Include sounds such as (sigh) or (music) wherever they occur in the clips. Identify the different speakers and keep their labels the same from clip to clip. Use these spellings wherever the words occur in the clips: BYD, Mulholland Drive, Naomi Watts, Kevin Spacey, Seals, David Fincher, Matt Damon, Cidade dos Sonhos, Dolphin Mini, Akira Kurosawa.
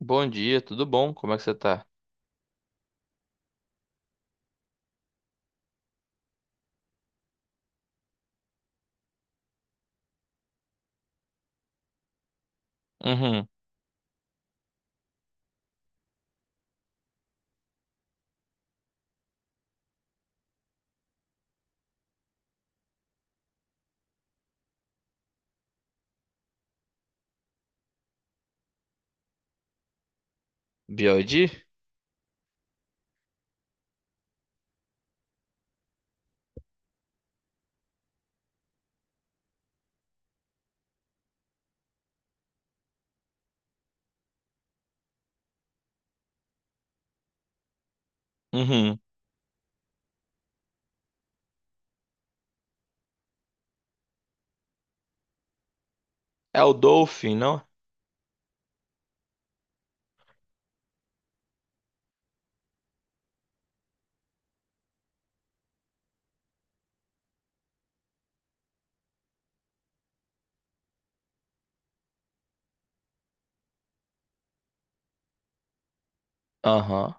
Speaker 1: Bom dia, tudo bom? Como é que você tá? Uhum. BOD. Uhum. É o Dolphin, não? Aham,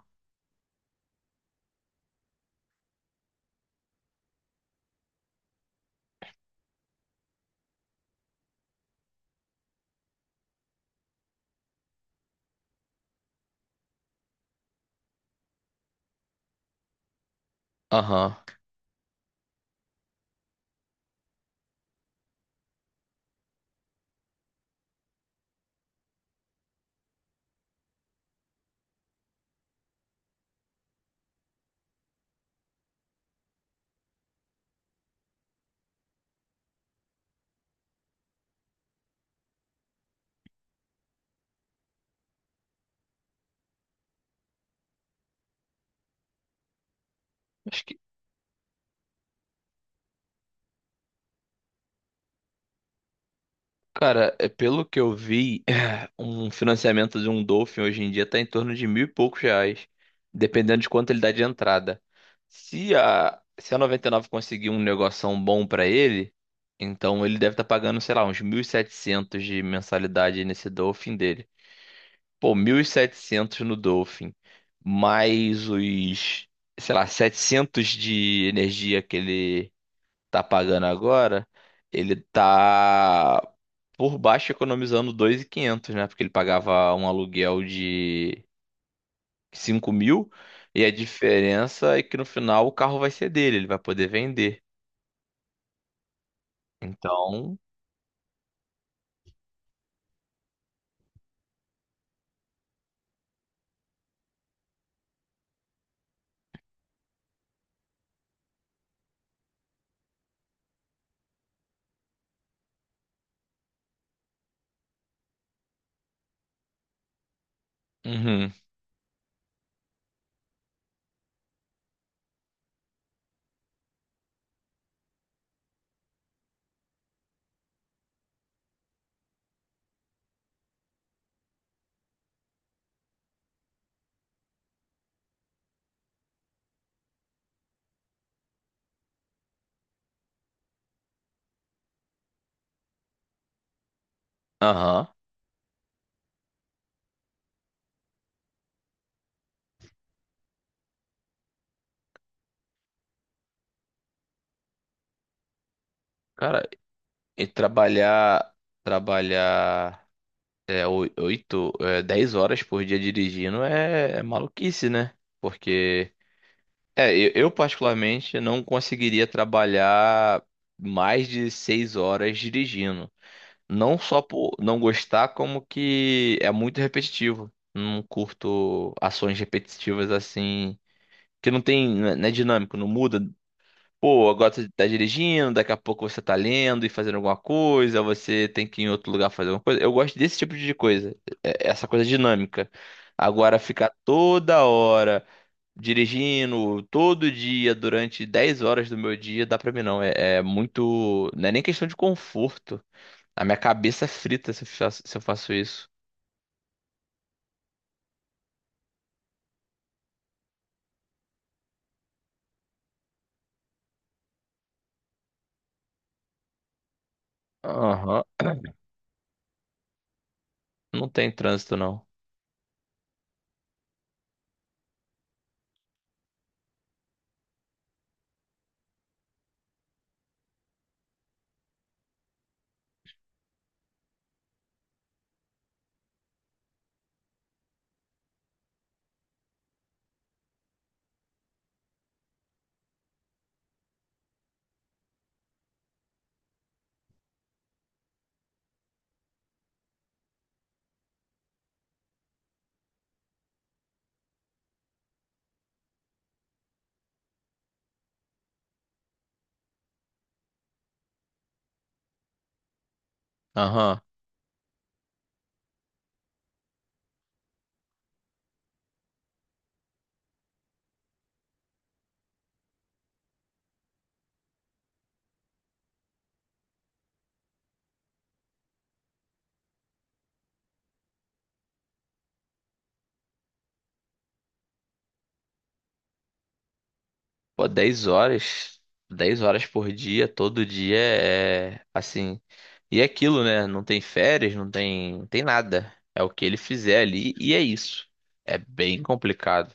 Speaker 1: aham. Acho que, cara, é pelo que eu vi, (clears throat) um financiamento de um Dolphin hoje em dia tá em torno de mil e poucos reais, dependendo de quanto ele dá de entrada. Se a 99 conseguir um negoção bom pra ele, então ele deve estar pagando, sei lá, uns 1.700 de mensalidade nesse Dolphin dele. Pô, 1.700 no Dolphin, mais os, sei lá, 700 de energia que ele tá pagando agora, ele tá por baixo economizando 2.500, né? Porque ele pagava um aluguel de 5.000 e a diferença é que no final o carro vai ser dele, ele vai poder vender. Então. Uhum. Aham. Cara, e trabalhar, trabalhar. É, oito, é, 10 horas por dia dirigindo é maluquice, né? Porque, é, eu particularmente não conseguiria trabalhar mais de 6 horas dirigindo. Não só por não gostar, como que é muito repetitivo. Não curto ações repetitivas assim, que não tem, não é dinâmico, não muda. Pô, agora você tá dirigindo, daqui a pouco você tá lendo e fazendo alguma coisa, você tem que ir em outro lugar fazer alguma coisa. Eu gosto desse tipo de coisa, é essa coisa dinâmica. Agora, ficar toda hora dirigindo, todo dia, durante 10 horas do meu dia, dá pra mim não. É muito. Não é nem questão de conforto. A minha cabeça é frita se eu faço isso. Aham. Não tem trânsito, não. Aham. Pô, 10 horas, 10 horas por dia, todo dia é assim. E é aquilo, né? Não tem férias, não tem nada. É o que ele fizer ali e é isso. É bem complicado.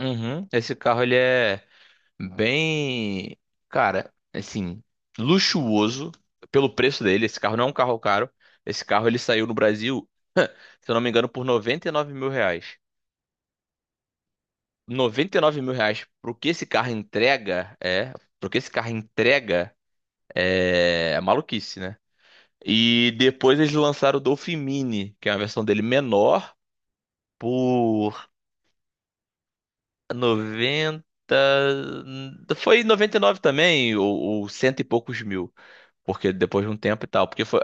Speaker 1: Uhum. Esse carro ele é bem, cara, assim, luxuoso pelo preço dele. Esse carro não é um carro caro. Esse carro ele saiu no Brasil, se eu não me engano, por R$ 99.000. R$ 99.000 pro que esse carro entrega, é, pro que esse carro entrega. É maluquice, né? E depois eles lançaram o Dolphin Mini, que é uma versão dele menor, por 90, foi 99 também, ou, cento e poucos mil. Porque depois de um tempo e tal. Porque foi.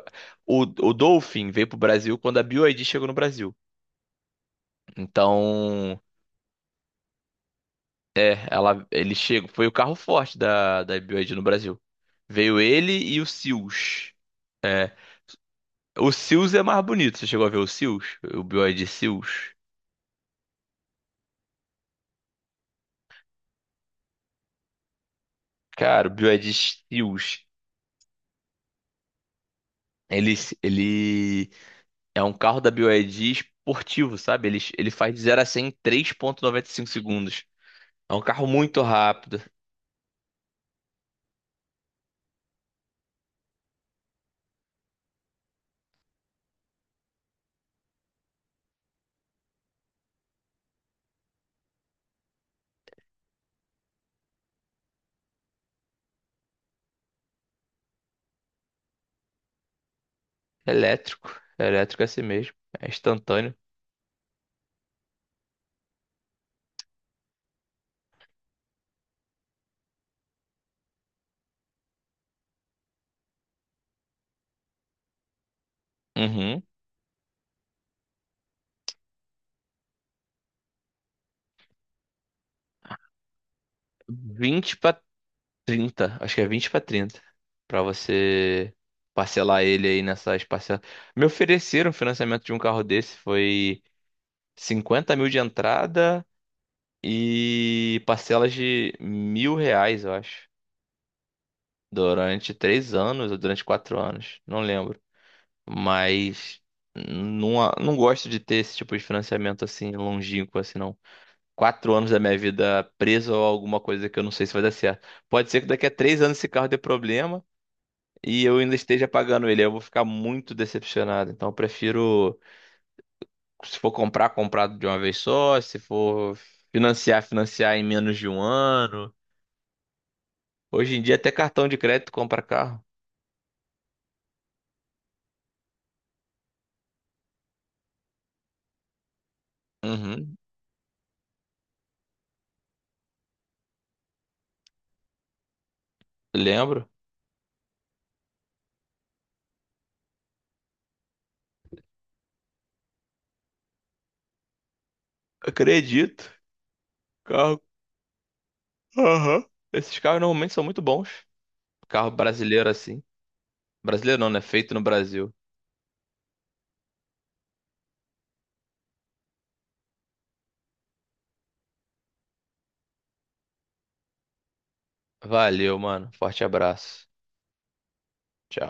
Speaker 1: O Dolphin veio pro Brasil quando a BYD chegou no Brasil. Então, ele chegou, foi o carro forte da BYD no Brasil. Veio ele e o Seals. O Seals é mais bonito. Você chegou a ver o Seals? O BYD Seals? Cara, o BYD Steels, ele, ele é um carro da BYD esportivo, sabe? Ele faz de 0 a 100 em 3,95 segundos. É um carro muito rápido. Elétrico. Elétrico é assim mesmo. É instantâneo. Uhum. 20 para 30. Acho que é 20 para 30. Pra você parcelar ele aí nessas parcelas. Me ofereceram o financiamento de um carro desse. Foi 50.000 de entrada e parcelas de R$ 1.000, eu acho. Durante 3 anos ou durante 4 anos, não lembro. Mas não, não gosto de ter esse tipo de financiamento assim longínquo, assim, não. 4 anos da minha vida preso a alguma coisa que eu não sei se vai dar certo. Pode ser que daqui a 3 anos esse carro dê problema e eu ainda esteja pagando ele. Aí eu vou ficar muito decepcionado. Então eu prefiro, se for comprar, comprar de uma vez só. Se for financiar, financiar em menos de um ano. Hoje em dia até cartão de crédito compra carro. Uhum, lembro. Acredito. Carro. Aham. Esses carros normalmente são muito bons. Carro brasileiro assim. Brasileiro não, né? Feito no Brasil. Valeu, mano. Forte abraço. Tchau.